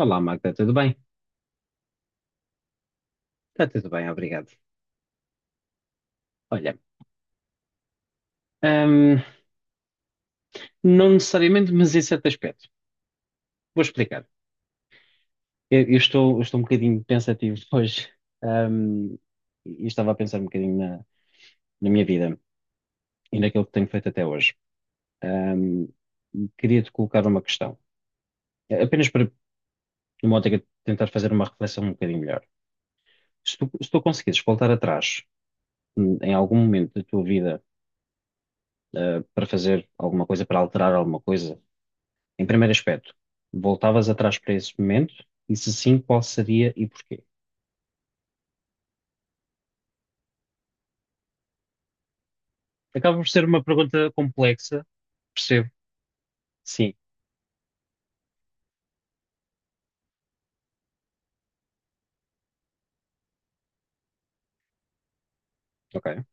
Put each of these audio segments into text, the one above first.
Olá, Magda, tudo bem? Está tudo bem, obrigado. Olha, ahm, não necessariamente, mas em certo aspecto. Vou explicar. Eu estou um bocadinho pensativo hoje, ahm, e estava a pensar um bocadinho na minha vida e naquilo que tenho feito até hoje. Ahm, Queria-te colocar uma questão, apenas para, numa ótica, de tentar fazer uma reflexão um bocadinho melhor. Se tu conseguires voltar atrás, em algum momento da tua vida, para fazer alguma coisa, para alterar alguma coisa, em primeiro aspecto, voltavas atrás para esse momento? E se sim, qual seria e porquê? Acaba por ser uma pergunta complexa, percebo. Sim, ok.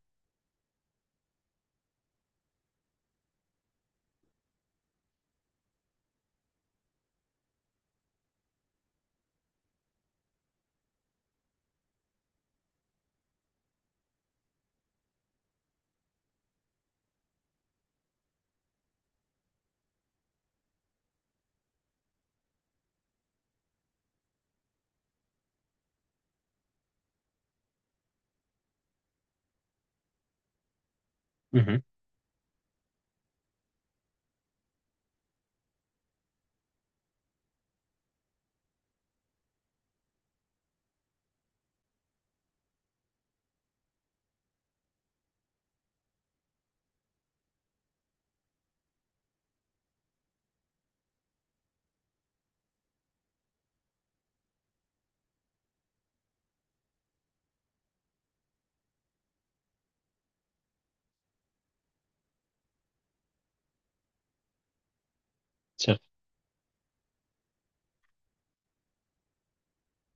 Uhum, certo,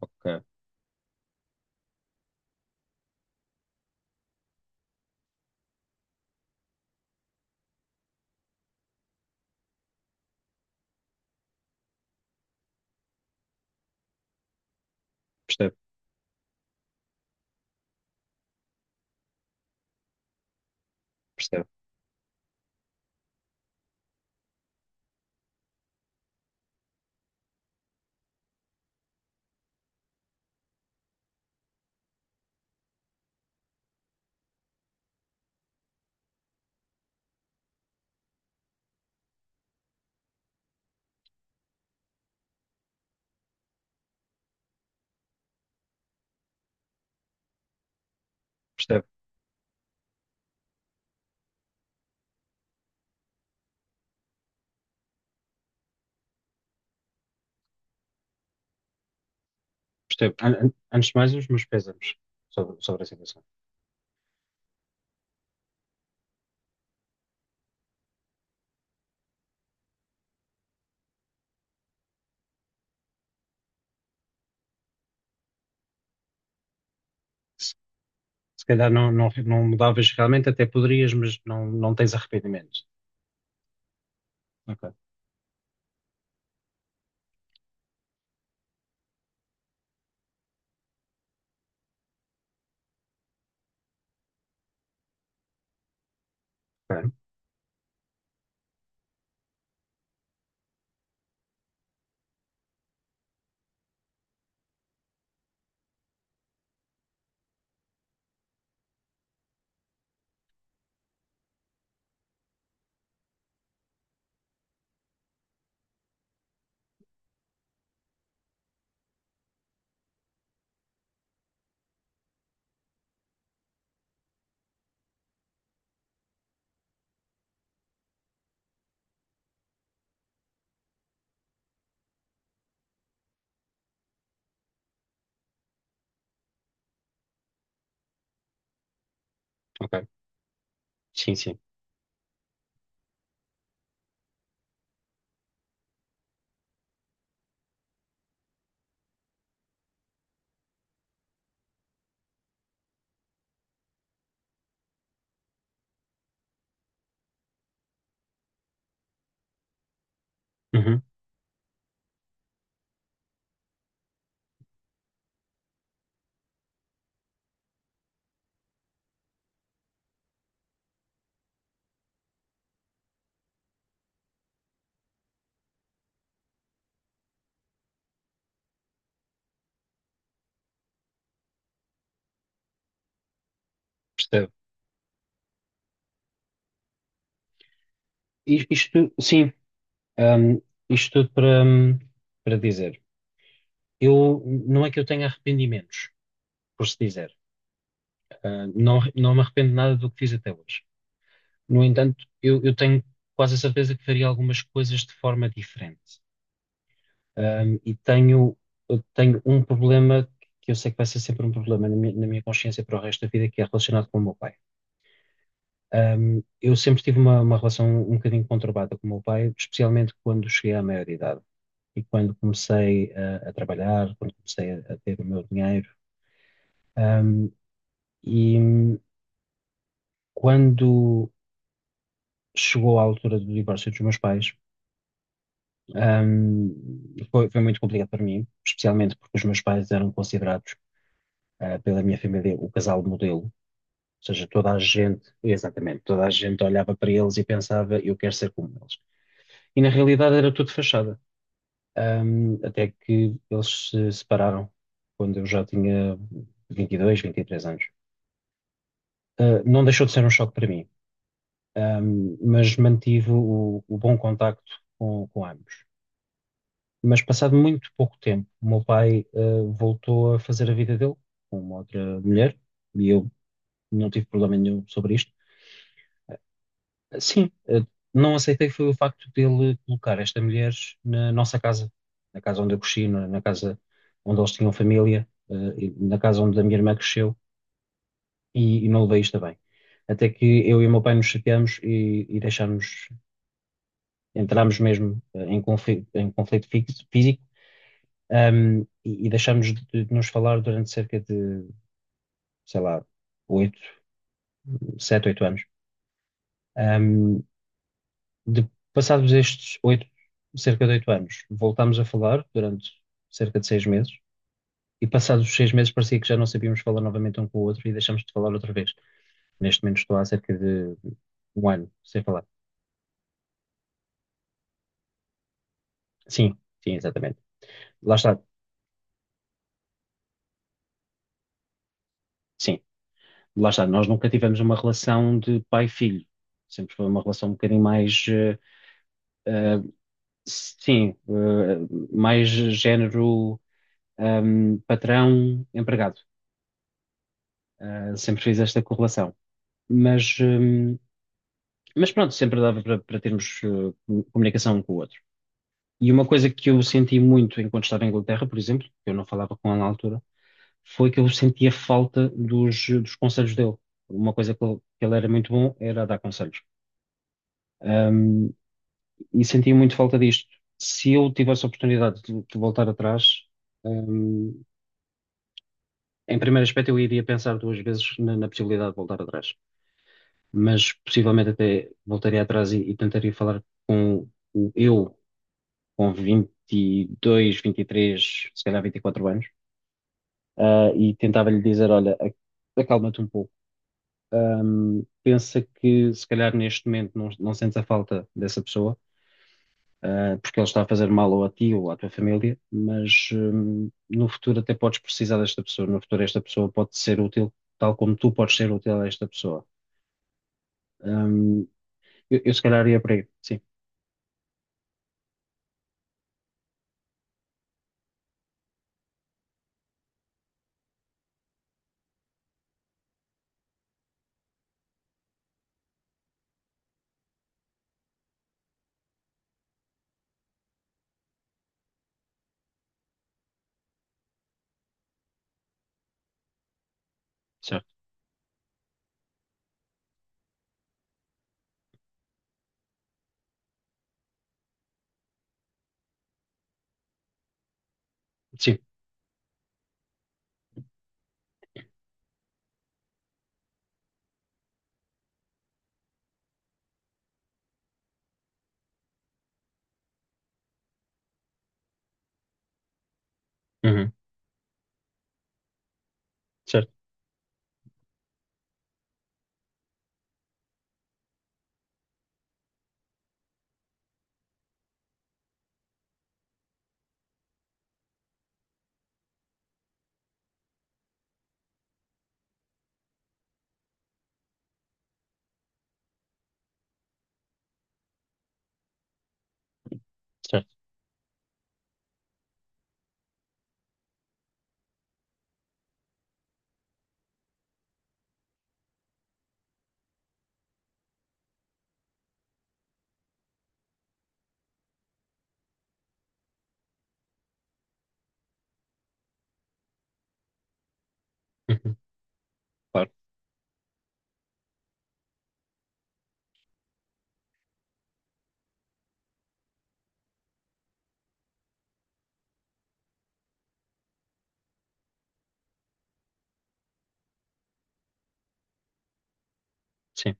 ok. Percebo, percebo, percebo, percebo. Antes de mais, os meus pésames sobre a situação. Se, se calhar não, não, não mudavas realmente, até poderias, mas não, não tens arrependimento. Ok, ok, ok. Sim, sim. Uhum, percebo. Isto, sim, hum, isto tudo para dizer. Eu, não é que eu tenha arrependimentos, por se dizer. Ah, não, não me arrependo de nada do que fiz até hoje. No entanto, eu tenho quase a certeza que faria algumas coisas de forma diferente. Ah, eu tenho um problema que eu sei que vai ser sempre um problema na minha consciência para o resto da vida, que é relacionado com o meu pai. Eu sempre tive uma relação um bocadinho conturbada com o meu pai, especialmente quando cheguei à maioridade e quando comecei a trabalhar, quando comecei a ter o meu dinheiro. Um, e, Quando chegou à altura do divórcio dos meus pais, foi muito complicado para mim, especialmente porque os meus pais eram considerados, pela minha família o casal modelo. Ou seja, toda a gente, exatamente, toda a gente olhava para eles e pensava, eu quero ser como eles. E na realidade era tudo fachada. Até que eles se separaram quando eu já tinha vinte e dois, 23 anos. Não deixou de ser um choque para mim, mas mantive o bom contacto com ambos. Mas passado muito pouco tempo, o meu pai, voltou a fazer a vida dele com uma outra mulher e eu não tive problema nenhum sobre isto. Sim, não aceitei foi o facto dele colocar esta mulher na nossa casa, na casa onde eu cresci, na casa onde eles tinham família, e na casa onde a minha irmã cresceu e não levei isto a bem. Até que eu e o meu pai nos chateamos e entrámos mesmo em conflito físico. E deixamos de nos falar durante cerca de, sei lá, 8, 7, 8 anos. Um, Passados estes 8, cerca de 8 anos, voltámos a falar durante cerca de 6 meses. E passados os 6 meses parecia que já não sabíamos falar novamente um com o outro e deixámos de falar outra vez. Neste momento estou há cerca de um ano sem falar. Sim, sim, exatamente. Lá está, sim, lá está. Nós nunca tivemos uma relação de pai-filho. Sempre foi uma relação um bocadinho mais eh, sim, mais género, patrão, empregado. Ah, sempre fiz esta correlação. Mas, hum, mas pronto, sempre dava para termos comunicação um com o outro. E uma coisa que eu senti muito enquanto estava em Inglaterra, por exemplo, que eu não falava com ela na altura, foi que eu sentia falta dos conselhos dele. Uma coisa que ele era muito bom era a dar conselhos. Ahm, e sentia muito falta disto. Se eu tivesse a oportunidade de voltar atrás. ehm, Em primeiro aspecto, eu iria pensar duas vezes na possibilidade de voltar atrás, mas possivelmente até voltaria atrás e tentaria falar com eu, com 22, 23, se calhar 24 anos, e tentava-lhe dizer: Olha, acalma-te um pouco, pensa que se calhar neste momento não, não sentes a falta dessa pessoa, porque ele está a fazer mal ou a ti ou à tua família, mas no futuro até podes precisar desta pessoa, no futuro esta pessoa pode ser útil tal como tu podes ser útil a esta pessoa. Hum, eu se calhar ia para aí. Sim, certo. Sim. Uhum. Certo, certo. Uhum. Claro. Sim.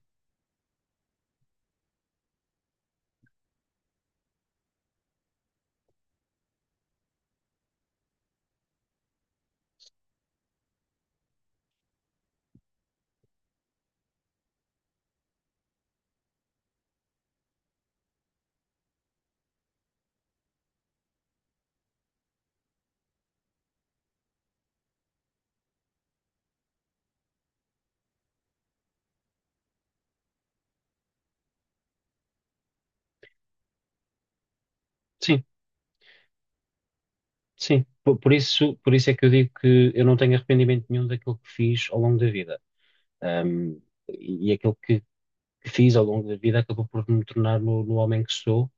Sim, sim. Por isso é que eu digo que eu não tenho arrependimento nenhum daquilo que fiz ao longo da vida. Hum, e aquilo que fiz ao longo da vida acabou por me tornar no homem que sou.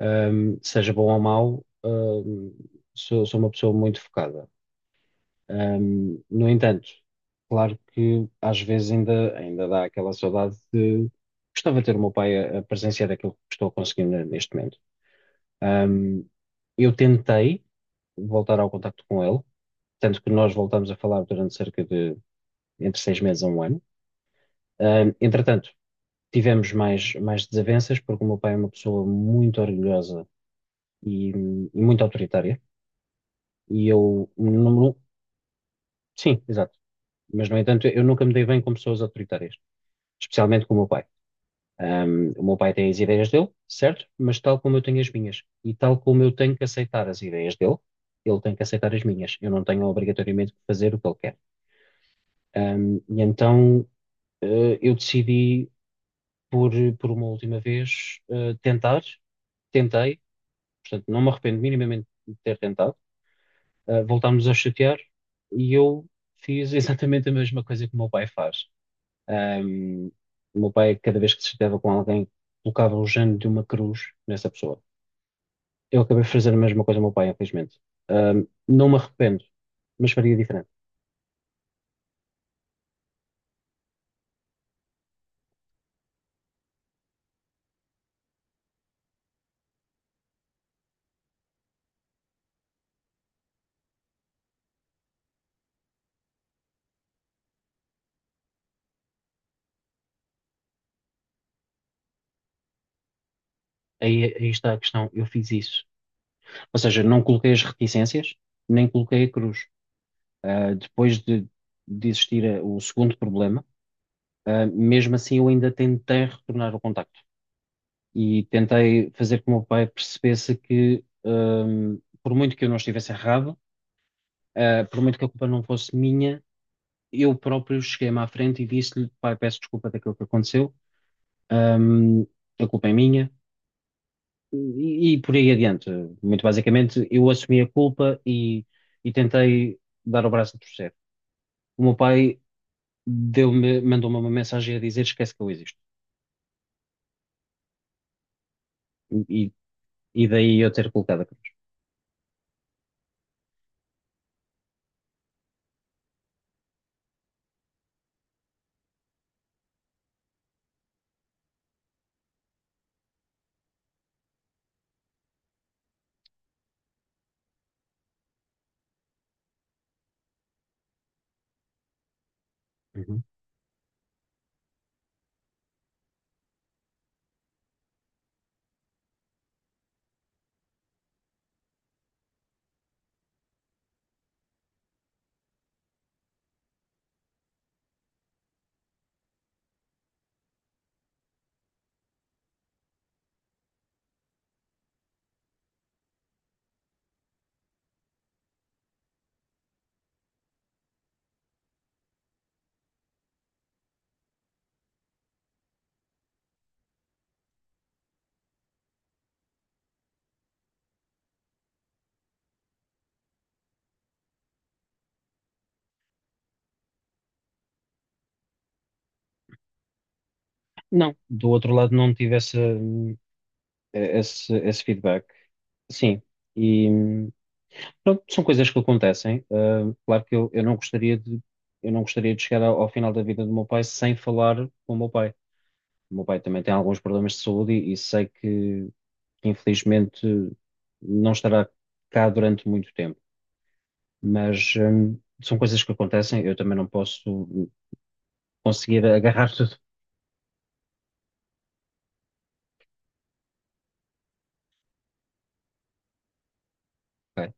Seja bom ou mau, sou uma pessoa muito focada. No entanto, claro que às vezes ainda dá aquela saudade de gostava de ter o meu pai a presenciar aquilo que estou conseguindo neste momento. Um, eu tentei voltar ao contacto com ele, tanto que nós voltámos a falar durante cerca de entre 6 meses a um ano. Entretanto, tivemos mais desavenças, porque o meu pai é uma pessoa muito orgulhosa e, e muito autoritária, e eu, não, sim, exato. Mas, no entanto, eu nunca me dei bem com pessoas autoritárias, especialmente com o meu pai. O meu pai tem as ideias dele, certo? Mas tal como eu tenho as minhas, e tal como eu tenho que aceitar as ideias dele, ele tem que aceitar as minhas. Eu não tenho obrigatoriamente que fazer o que ele quer. E então eu decidi, por, por uma última vez, tentei, portanto não me arrependo minimamente de ter tentado, voltámos a chatear e eu fiz exatamente a mesma coisa que o meu pai faz. Ahm, o meu pai, cada vez que se chateava com alguém, colocava o género de uma cruz nessa pessoa. Eu acabei de fazer a mesma coisa ao meu pai, infelizmente. Não me arrependo, mas faria diferente. Aí está a questão, eu fiz isso. Ou seja, não coloquei as reticências, nem coloquei a cruz. Depois de existir o segundo problema, mesmo assim eu ainda tentei retornar o contacto. E tentei fazer com que o meu pai percebesse que, por muito que eu não estivesse errado, por muito que a culpa não fosse minha, eu próprio cheguei-me à frente e disse-lhe, pai, peço desculpa daquilo que aconteceu, a culpa é minha, e por aí adiante. Muito basicamente, eu assumi a culpa e tentei dar o braço a torcer. O meu pai mandou-me uma mensagem a dizer, esquece que eu existo. E, e daí eu ter colocado a cruz. Uhum. Não, do outro lado não tive esse feedback. Sim, e... Pronto, são coisas que acontecem. Claro que eu não gostaria de, eu não gostaria de chegar ao final da vida do meu pai sem falar com o meu pai. O meu pai também tem alguns problemas de saúde e sei que, infelizmente não estará cá durante muito tempo. Mas são coisas que acontecem. Eu também não posso conseguir agarrar tudo. Ok.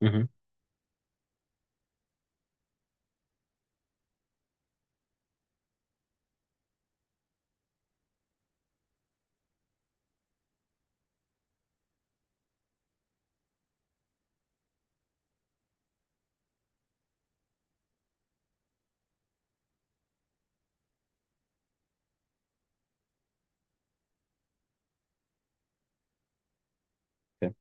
Uhum, ok.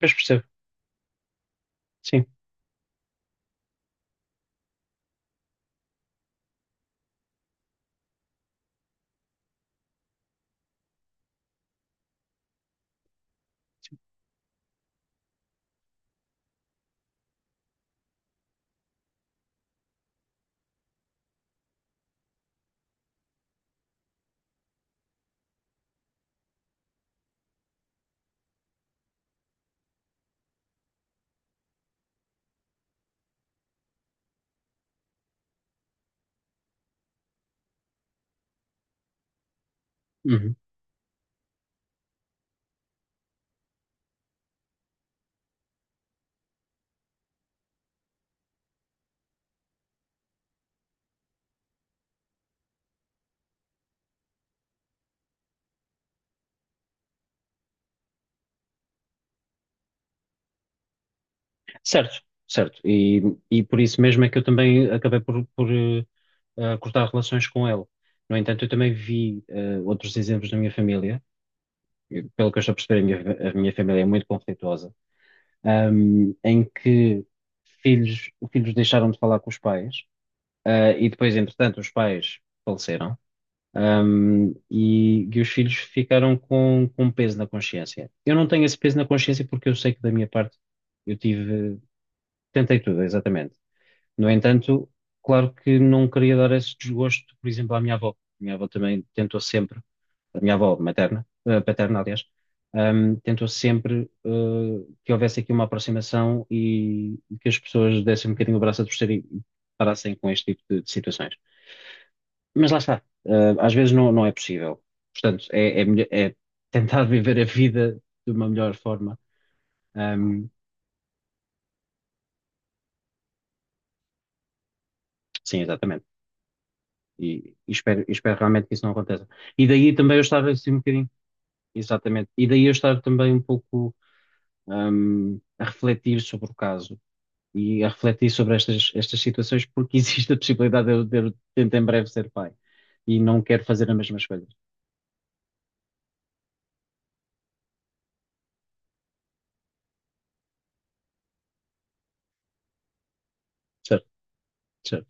Mas percebo. Sim. Uhum. Certo, certo. E por isso mesmo é que eu também acabei por, a cortar relações com ele. No entanto, eu também vi outros exemplos na minha família, e pelo que eu estou a perceber, a minha família é muito conflituosa, em que filhos deixaram de falar com os pais, e depois, entretanto, os pais faleceram, e os filhos ficaram com peso na consciência. Eu não tenho esse peso na consciência porque eu sei que da minha parte eu tentei tudo, exatamente. No entanto, claro que não queria dar esse desgosto, por exemplo, à minha avó. A minha avó também tentou sempre, a minha avó materna, paterna, aliás, tentou sempre, que houvesse aqui uma aproximação e que as pessoas dessem um bocadinho o braço a torcer e parassem com este tipo de situações. Mas lá está, às vezes não, não é possível. Portanto, é tentar viver a vida de uma melhor forma. Ahm, sim, exatamente. E espero realmente que isso não aconteça. E daí também eu estava assim um bocadinho. Exatamente. E daí eu estar também um pouco, a refletir sobre o caso e a refletir sobre estas situações, porque existe a possibilidade de eu tentar em breve ser pai e não quero fazer a mesma escolha. Certo, certo.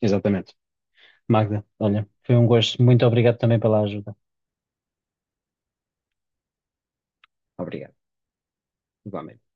Exatamente. Magda, olha, foi um gosto. Muito obrigado também pela ajuda. Obrigado. Igualmente.